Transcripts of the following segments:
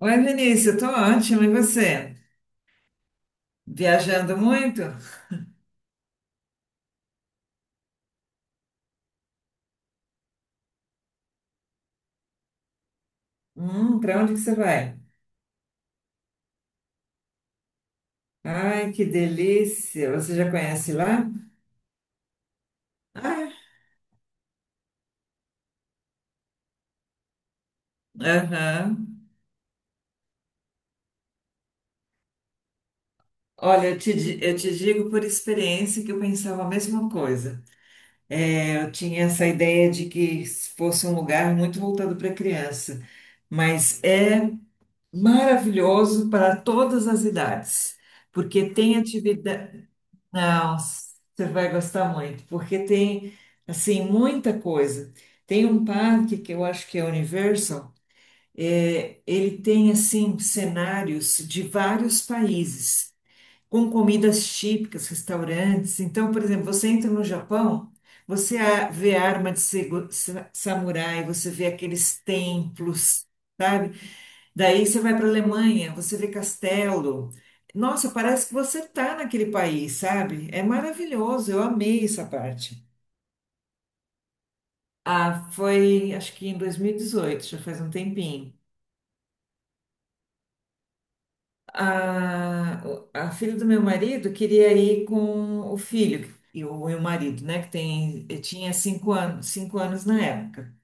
Oi, Vinícius, eu tô ótima, e você? Viajando muito? Para onde que você vai? Ai, que delícia! Você já conhece lá? Ah, aham. Olha, eu te digo por experiência que eu pensava a mesma coisa. É, eu tinha essa ideia de que fosse um lugar muito voltado para criança, mas é maravilhoso para todas as idades, porque tem atividade. Não, você vai gostar muito, porque tem, assim, muita coisa. Tem um parque que eu acho que é Universal, é, ele tem, assim, cenários de vários países, com comidas típicas, restaurantes. Então, por exemplo, você entra no Japão, você vê arma de samurai, você vê aqueles templos, sabe? Daí você vai para a Alemanha, você vê castelo. Nossa, parece que você tá naquele país, sabe? É maravilhoso, eu amei essa parte. Ah, foi, acho que em 2018, já faz um tempinho. A, a filha do meu marido queria ir com o filho e o marido, né? Que tem, tinha 5 anos, 5 anos na época.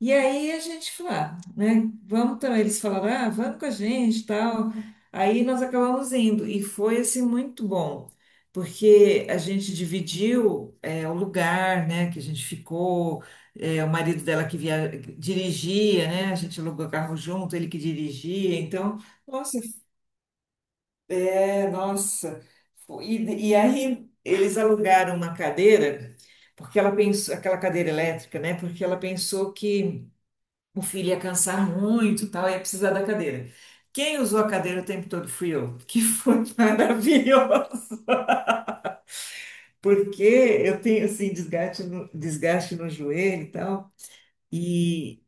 E aí a gente falou, ah, né? Vamos também. Eles falaram, ah, vamos com a gente, tal. Aí nós acabamos indo e foi assim muito bom, porque a gente dividiu é, o lugar, né? Que a gente ficou. É, o marido dela dirigia, né? A gente alugou carro junto, ele que dirigia. Então, nossa, é, nossa. E aí eles alugaram uma cadeira, porque ela pensou, aquela cadeira elétrica, né? Porque ela pensou que o filho ia cansar muito, e tal, ia precisar da cadeira. Quem usou a cadeira o tempo todo fui eu, que foi maravilhoso, porque eu tenho assim desgaste no joelho e tal. E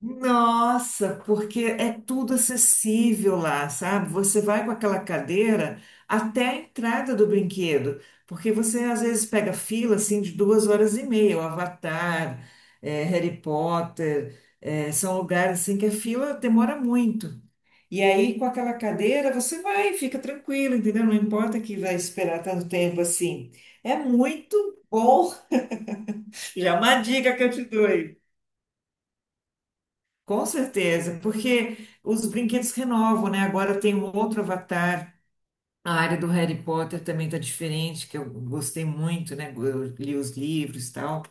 nossa, porque é tudo acessível lá, sabe? Você vai com aquela cadeira até a entrada do brinquedo, porque você às vezes pega fila assim de 2 horas e meia, o Avatar, Harry Potter, são lugares assim que a fila demora muito. E aí, com aquela cadeira, você vai, fica tranquilo, entendeu? Não importa que vai esperar tanto tempo assim. É muito bom. Já é uma dica que eu te dou aí. Com certeza, porque os brinquedos renovam, né? Agora tem um outro avatar. A área do Harry Potter também tá diferente, que eu gostei muito, né? Eu li os livros e tal.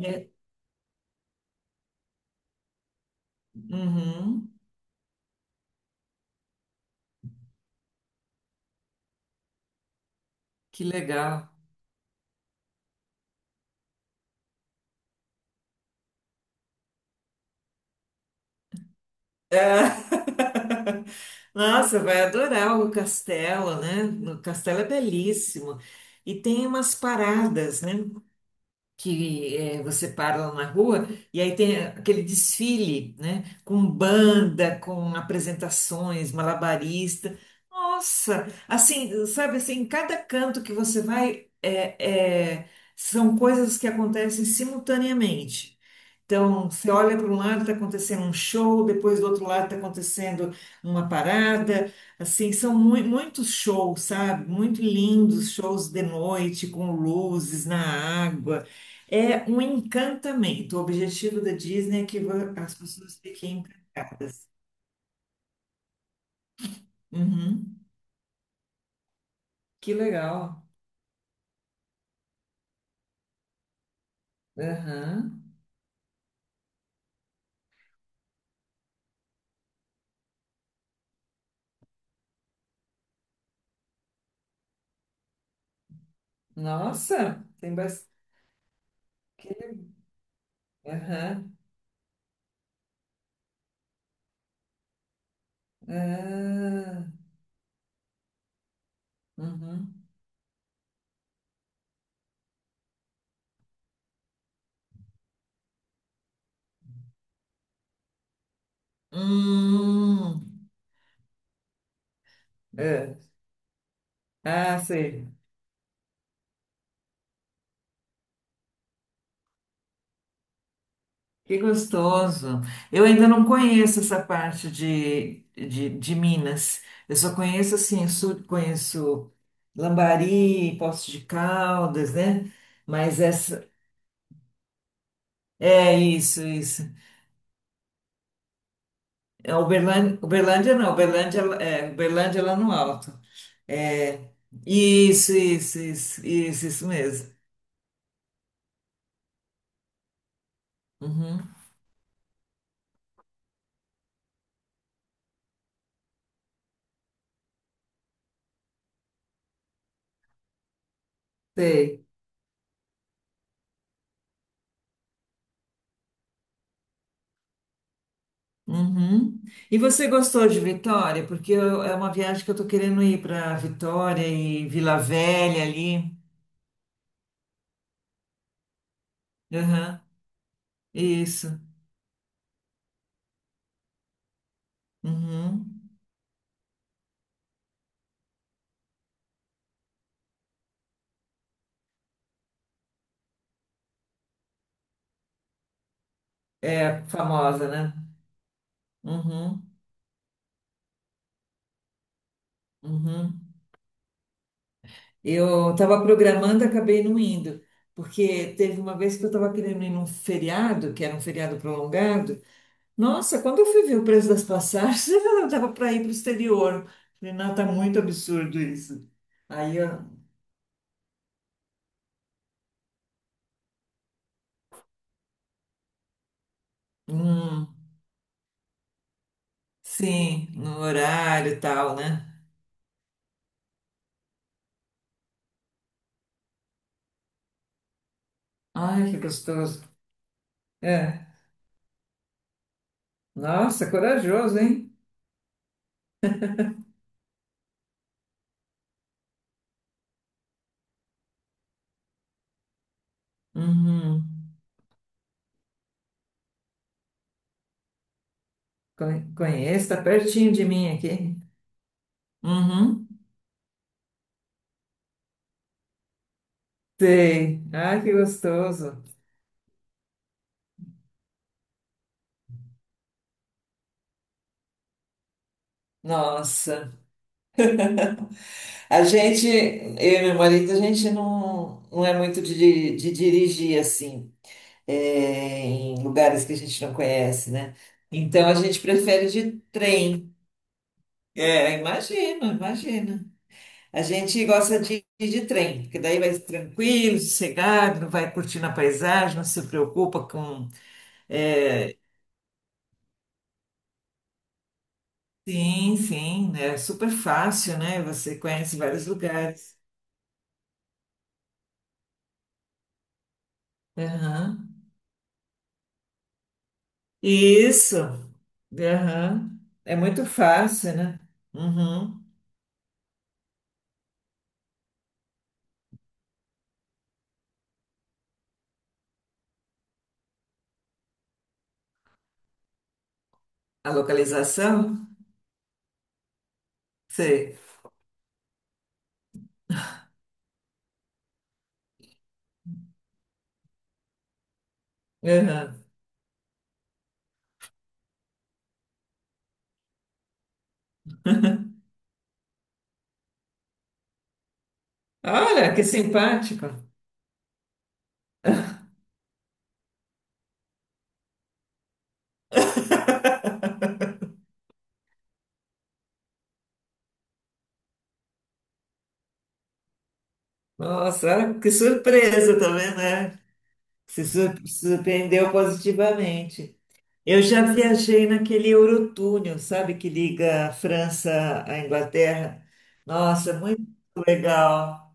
É, uhum, que legal. É. Nossa, vai adorar o castelo, né? O castelo é belíssimo. E tem umas paradas, né? Que eh, você para lá na rua e aí tem aquele desfile, né? Com banda, com apresentações, malabarista. Nossa, assim, sabe assim, em cada canto que você vai, são coisas que acontecem simultaneamente. Então, você olha para um lado, está acontecendo um show, depois do outro lado está acontecendo uma parada. Assim, são muitos shows, sabe? Muito lindos shows de noite, com luzes na água. É um encantamento. O objetivo da Disney é que as pessoas fiquem encantadas. Uhum. Que legal. Aham. Nossa, tem bastante. Aham. Ah. Uhum. Hum. É. Ah, sei. Que gostoso. Eu ainda não conheço essa parte de Minas. Eu só conheço assim, sul, conheço Lambari, Poços de Caldas, né? Mas essa é isso, isso. É Uberlândia, Uberlândia não, Uberlândia é Uberlândia lá no alto. É isso, isso, isso, isso, isso mesmo. Uhum, sei. Uhum. E você gostou de Vitória? É uma viagem que eu estou querendo ir para Vitória e Vila Velha ali. Uhum. Isso. Uhum. É famosa, né? Uhum. Uhum. Eu estava programando, acabei não indo, porque teve uma vez que eu estava querendo ir num feriado, que era um feriado prolongado. Nossa, quando eu fui ver o preço das passagens, eu estava para ir para o exterior. Falei, não, tá muito absurdo isso. Aí eu. Hum, sim, no horário e tal, né? Ai, que gostoso. É. Nossa, corajoso, hein? Uhum. Conheço, tá pertinho de mim aqui. Uhum. Sei. Ai, que gostoso. Nossa. A gente, eu e meu marido, a gente não, não é muito de dirigir assim, é, em lugares que a gente não conhece, né? Então a gente prefere de trem. É, imagina, imagina. A gente gosta de ir de trem, porque daí vai tranquilo, sossegado, não vai curtindo a paisagem, não se preocupa com. É, sim, sim, né, é super fácil, né? Você conhece vários lugares. Aham. Isso, aham. É muito fácil, né? Uhum. A localização? Sei. Aham. Olha, que simpático. Nossa, olha que surpresa também, né? Se sur- Surpreendeu positivamente. Eu já viajei naquele Eurotúnel, sabe, que liga a França à Inglaterra. Nossa, muito legal.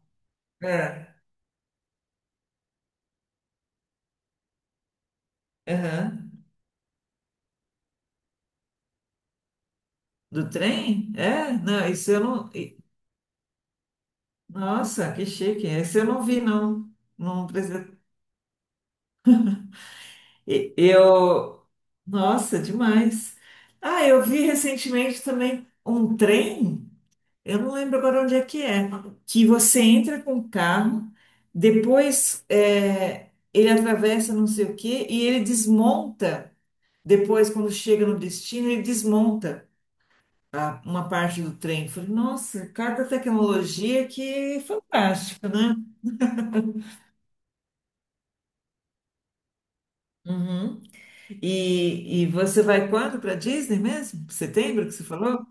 É. Aham. Do trem? É? Não, isso eu não. Nossa, que chique. Esse eu não vi, não. Não precisa. Eu. Nossa, demais. Ah, eu vi recentemente também um trem. Eu não lembro agora onde é. Que você entra com o carro, depois é, ele atravessa não sei o quê e ele desmonta. Depois, quando chega no destino, ele desmonta uma parte do trem. Eu falei, nossa, cada tecnologia que é fantástica. Uhum. E você vai quando para Disney mesmo? Setembro que você falou?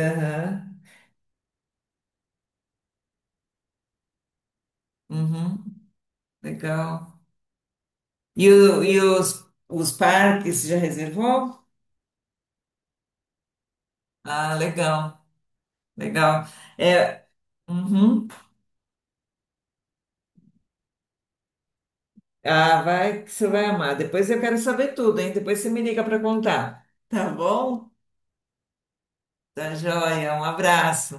Aham. Uhum. Legal. E, e os parques, já reservou? Ah, legal, legal. É, uhum. Ah, vai que você vai amar. Depois eu quero saber tudo, hein? Depois você me liga para contar. Tá bom? Tá joia. Um abraço.